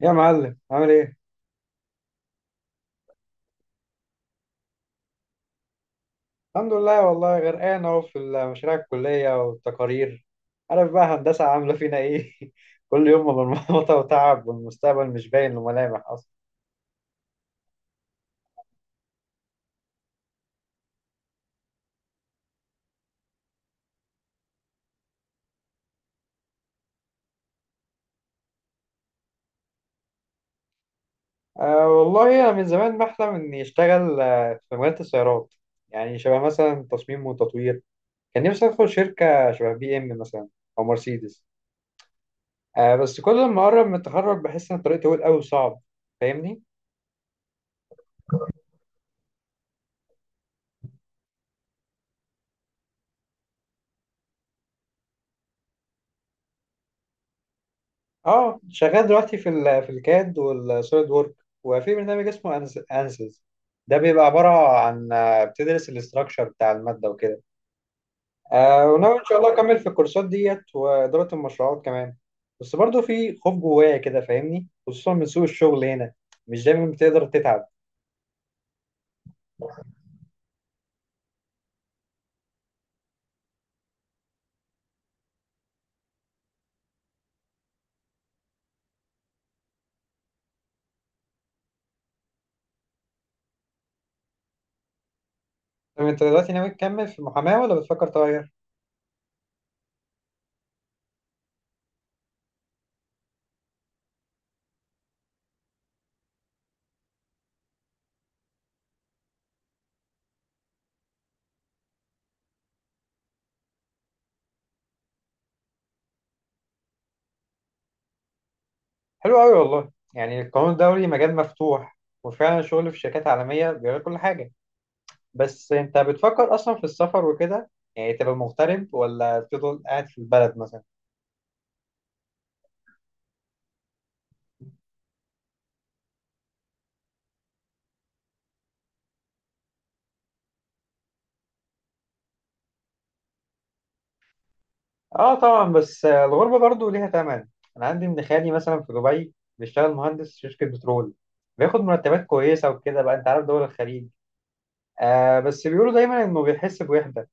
يا معلم عامل ايه؟ الحمد لله، والله غرقان اهو في مشاريع الكلية والتقارير. عارف بقى هندسة عاملة فينا ايه؟ كل يوم مرمطة وتعب، والمستقبل مش باين له ملامح اصلا. أه والله انا من زمان بحلم اني اشتغل في مجال السيارات، يعني شبه مثلا تصميم وتطوير. كان نفسي ادخل شركة شبه بي ام مثلا او مرسيدس. أه بس كل ما اقرب من التخرج بحس ان الطريق طويل قوي وصعب. فاهمني؟ اه، شغال دلوقتي في الكاد والسوليد وورك، وفي برنامج اسمه انسز. ده بيبقى عبارة عن بتدرس الاستراكشر بتاع المادة وكده. آه، وناوي ان شاء الله اكمل في الكورسات ديت وإدارة المشروعات كمان. بس برضو في خوف جوايا كده، فاهمني؟ خصوصا من سوق الشغل هنا، مش دايما بتقدر تتعب. طب انت دلوقتي ناوي تكمل في المحاماة ولا بتفكر تغير؟ حلو قوي والله، يعني القانون الدولي مجال مفتوح، وفعلا الشغل في شركات عالمية بيغير كل حاجة. بس انت بتفكر اصلا في السفر وكده؟ يعني تبقى مغترب ولا تفضل قاعد في البلد مثلا؟ اه طبعا، بس الغربه برضو ليها ثمن. انا عندي ابن خالي مثلا في دبي بيشتغل مهندس في شركه بترول، بياخد مرتبات كويسه وكده، بقى انت عارف دول الخليج. آه، بس بيقولوا دايما انه بيحس بوحده،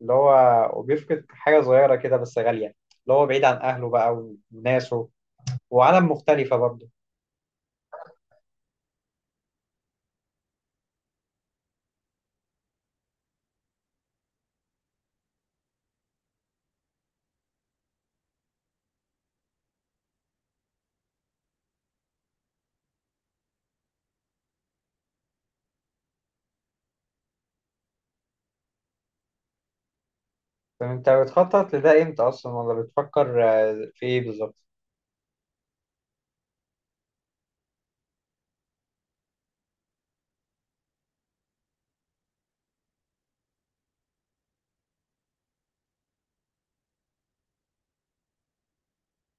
اللي هو وبيفقد حاجه صغيره كده بس غاليه، اللي هو بعيد عن اهله بقى وناسه، وعالم مختلفه برضه. فانت بتخطط لده امتى اصلا؟ ولا بتفكر في ايه بالظبط؟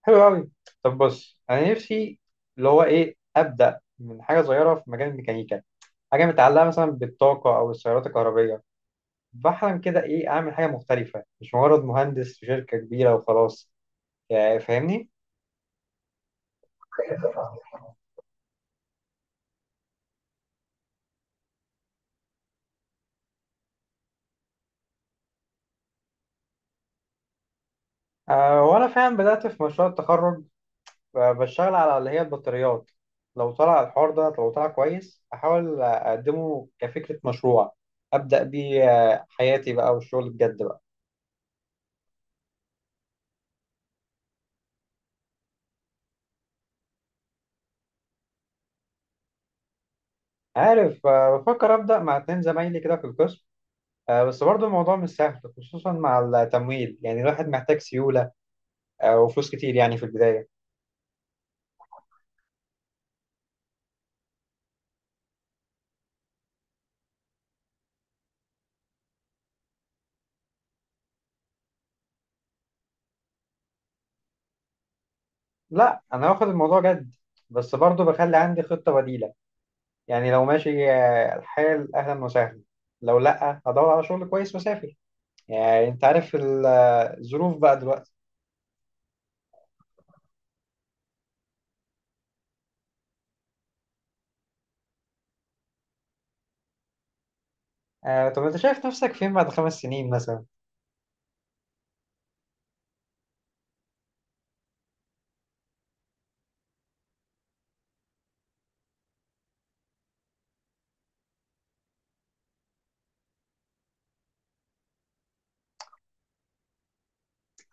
حلو قوي. طب بص انا نفسي اللي هو ايه، ابدا من حاجه صغيره في مجال الميكانيكا، حاجه متعلقه مثلا بالطاقه او السيارات الكهربيه. بحلم كده ايه، اعمل حاجه مختلفه مش مجرد مهندس في شركه كبيره وخلاص، يعني فاهمني؟ آه، وانا فعلا بدات في مشروع التخرج، بشتغل على اللي هي البطاريات. لو طلع الحوار ده لو طلع كويس، احاول اقدمه كفكره مشروع ابدا بيه، حياتي بقى والشغل بجد بقى. عارف، بفكر أبدأ مع 2 زمايلي كده في القسم. بس برضه الموضوع مش سهل، خصوصا مع التمويل، يعني الواحد محتاج سيولة، وفلوس كتير يعني في البداية. لا أنا واخد الموضوع جد، بس برضه بخلي عندي خطة بديلة، يعني لو ماشي الحال أهلا وسهلا، لو لأ هدور على شغل كويس وأسافر، يعني أنت عارف الظروف بقى دلوقتي. طب أنت شايف نفسك فين بعد 5 سنين مثلا؟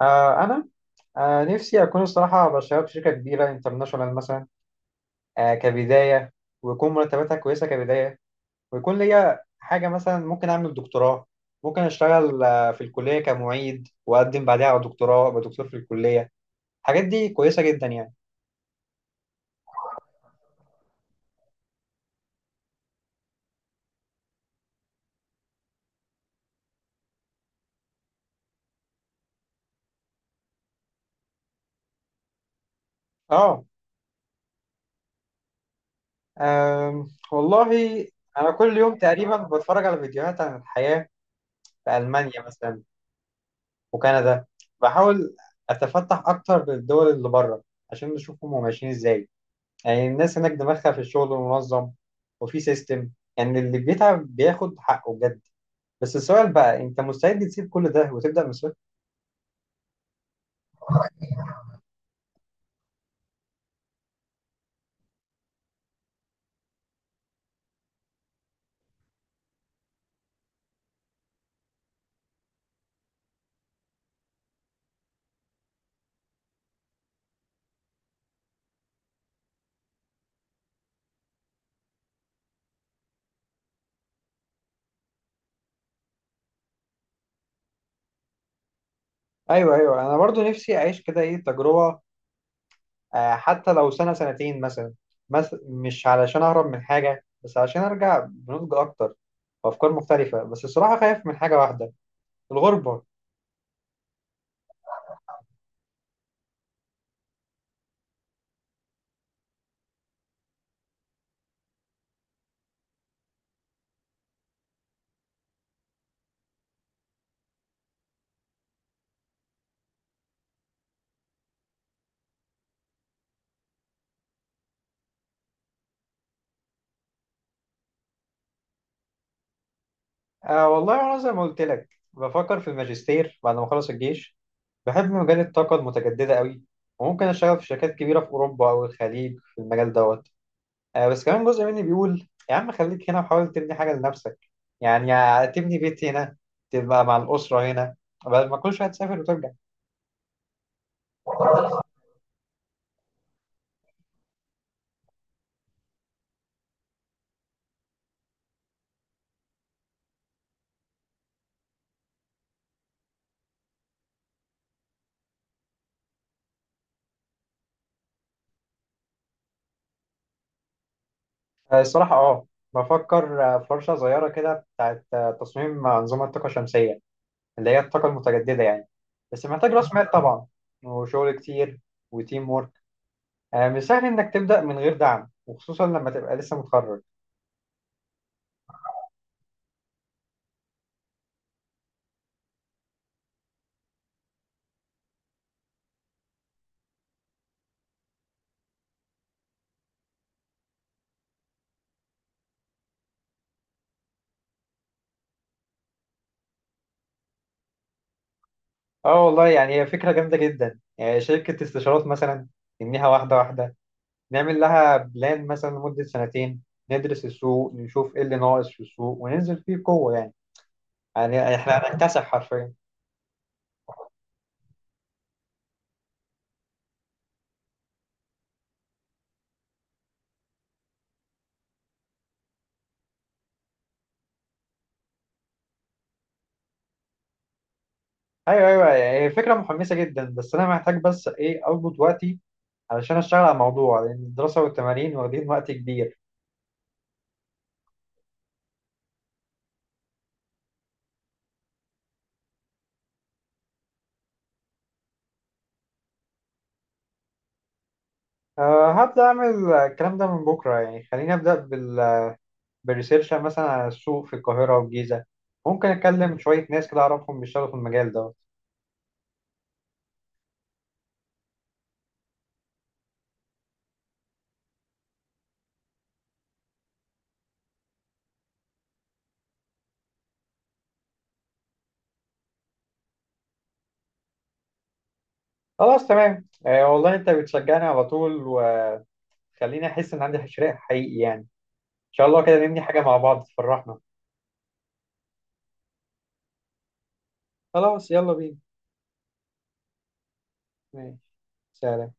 أنا نفسي أكون الصراحة بشتغل في شركة كبيرة انترناشونال مثلا، كبداية، ويكون مرتباتها كويسة كبداية، ويكون ليا حاجة، مثلا ممكن أعمل دكتوراه، ممكن أشتغل في الكلية كمعيد وأقدم بعدها على دكتوراه أبقى دكتور في الكلية. الحاجات دي كويسة جدا يعني. آه. آم، والله أنا كل يوم تقريبا بتفرج على فيديوهات عن الحياة في ألمانيا مثلا وكندا. بحاول أتفتح أكتر للدول اللي بره عشان نشوفهم هم ماشيين إزاي. يعني الناس هناك دماغها في الشغل منظم وفي سيستم، يعني اللي بيتعب بياخد حقه بجد. بس السؤال بقى، انت مستعد تسيب كل ده وتبدأ من الصفر؟ ايوه ايوه، انا برضو نفسي اعيش كده ايه، تجربة، حتى لو سنة سنتين مثلا، بس مش علشان اهرب من حاجة، بس علشان ارجع بنضج اكتر وافكار مختلفة. بس الصراحة خايف من حاجة واحدة، الغربة. آه والله انا زي ما قلت لك بفكر في الماجستير بعد ما اخلص الجيش. بحب مجال الطاقة المتجددة قوي، وممكن أشتغل في شركات كبيرة في أوروبا أو الخليج في المجال دوت. بس كمان جزء مني بيقول يا عم خليك هنا وحاول تبني حاجة لنفسك، يعني يا تبني بيت هنا تبقى مع الأسرة هنا بدل ما كل شوية تسافر وترجع. الصراحة أه، بفكر في ورشة صغيرة كده بتاعت تصميم أنظمة طاقة شمسية، اللي هي الطاقة المتجددة يعني. بس محتاج رأس مال طبعا، وشغل كتير، وتيم وورك. مش سهل إنك تبدأ من غير دعم، وخصوصا لما تبقى لسه متخرج. اه والله يعني هي فكرة جامدة جدا، يعني شركة استشارات مثلا، نبنيها واحدة واحدة، نعمل لها بلان مثلا لمدة سنتين، ندرس السوق نشوف ايه اللي ناقص في السوق وننزل فيه بقوة، يعني احنا هنكتسح حرفيا. ايوه ايوه، يعني هي فكرة محمسة جدا، بس انا محتاج بس ايه، اظبط وقتي علشان اشتغل على الموضوع، لان الدراسة والتمارين واخدين وقت كبير. أه هبدأ أعمل الكلام ده من بكرة، يعني خليني أبدأ بالريسيرش مثلا على السوق في القاهرة والجيزة، ممكن أتكلم شوية ناس كده أعرفهم بيشتغلوا في المجال ده. خلاص تمام. آه والله انت بتشجعني على طول، وخليني احس ان عندي حشرية حقيقي، يعني ان شاء الله كده نبني حاجة مع بعض تفرحنا. خلاص يلا بينا. ماشي، سلام.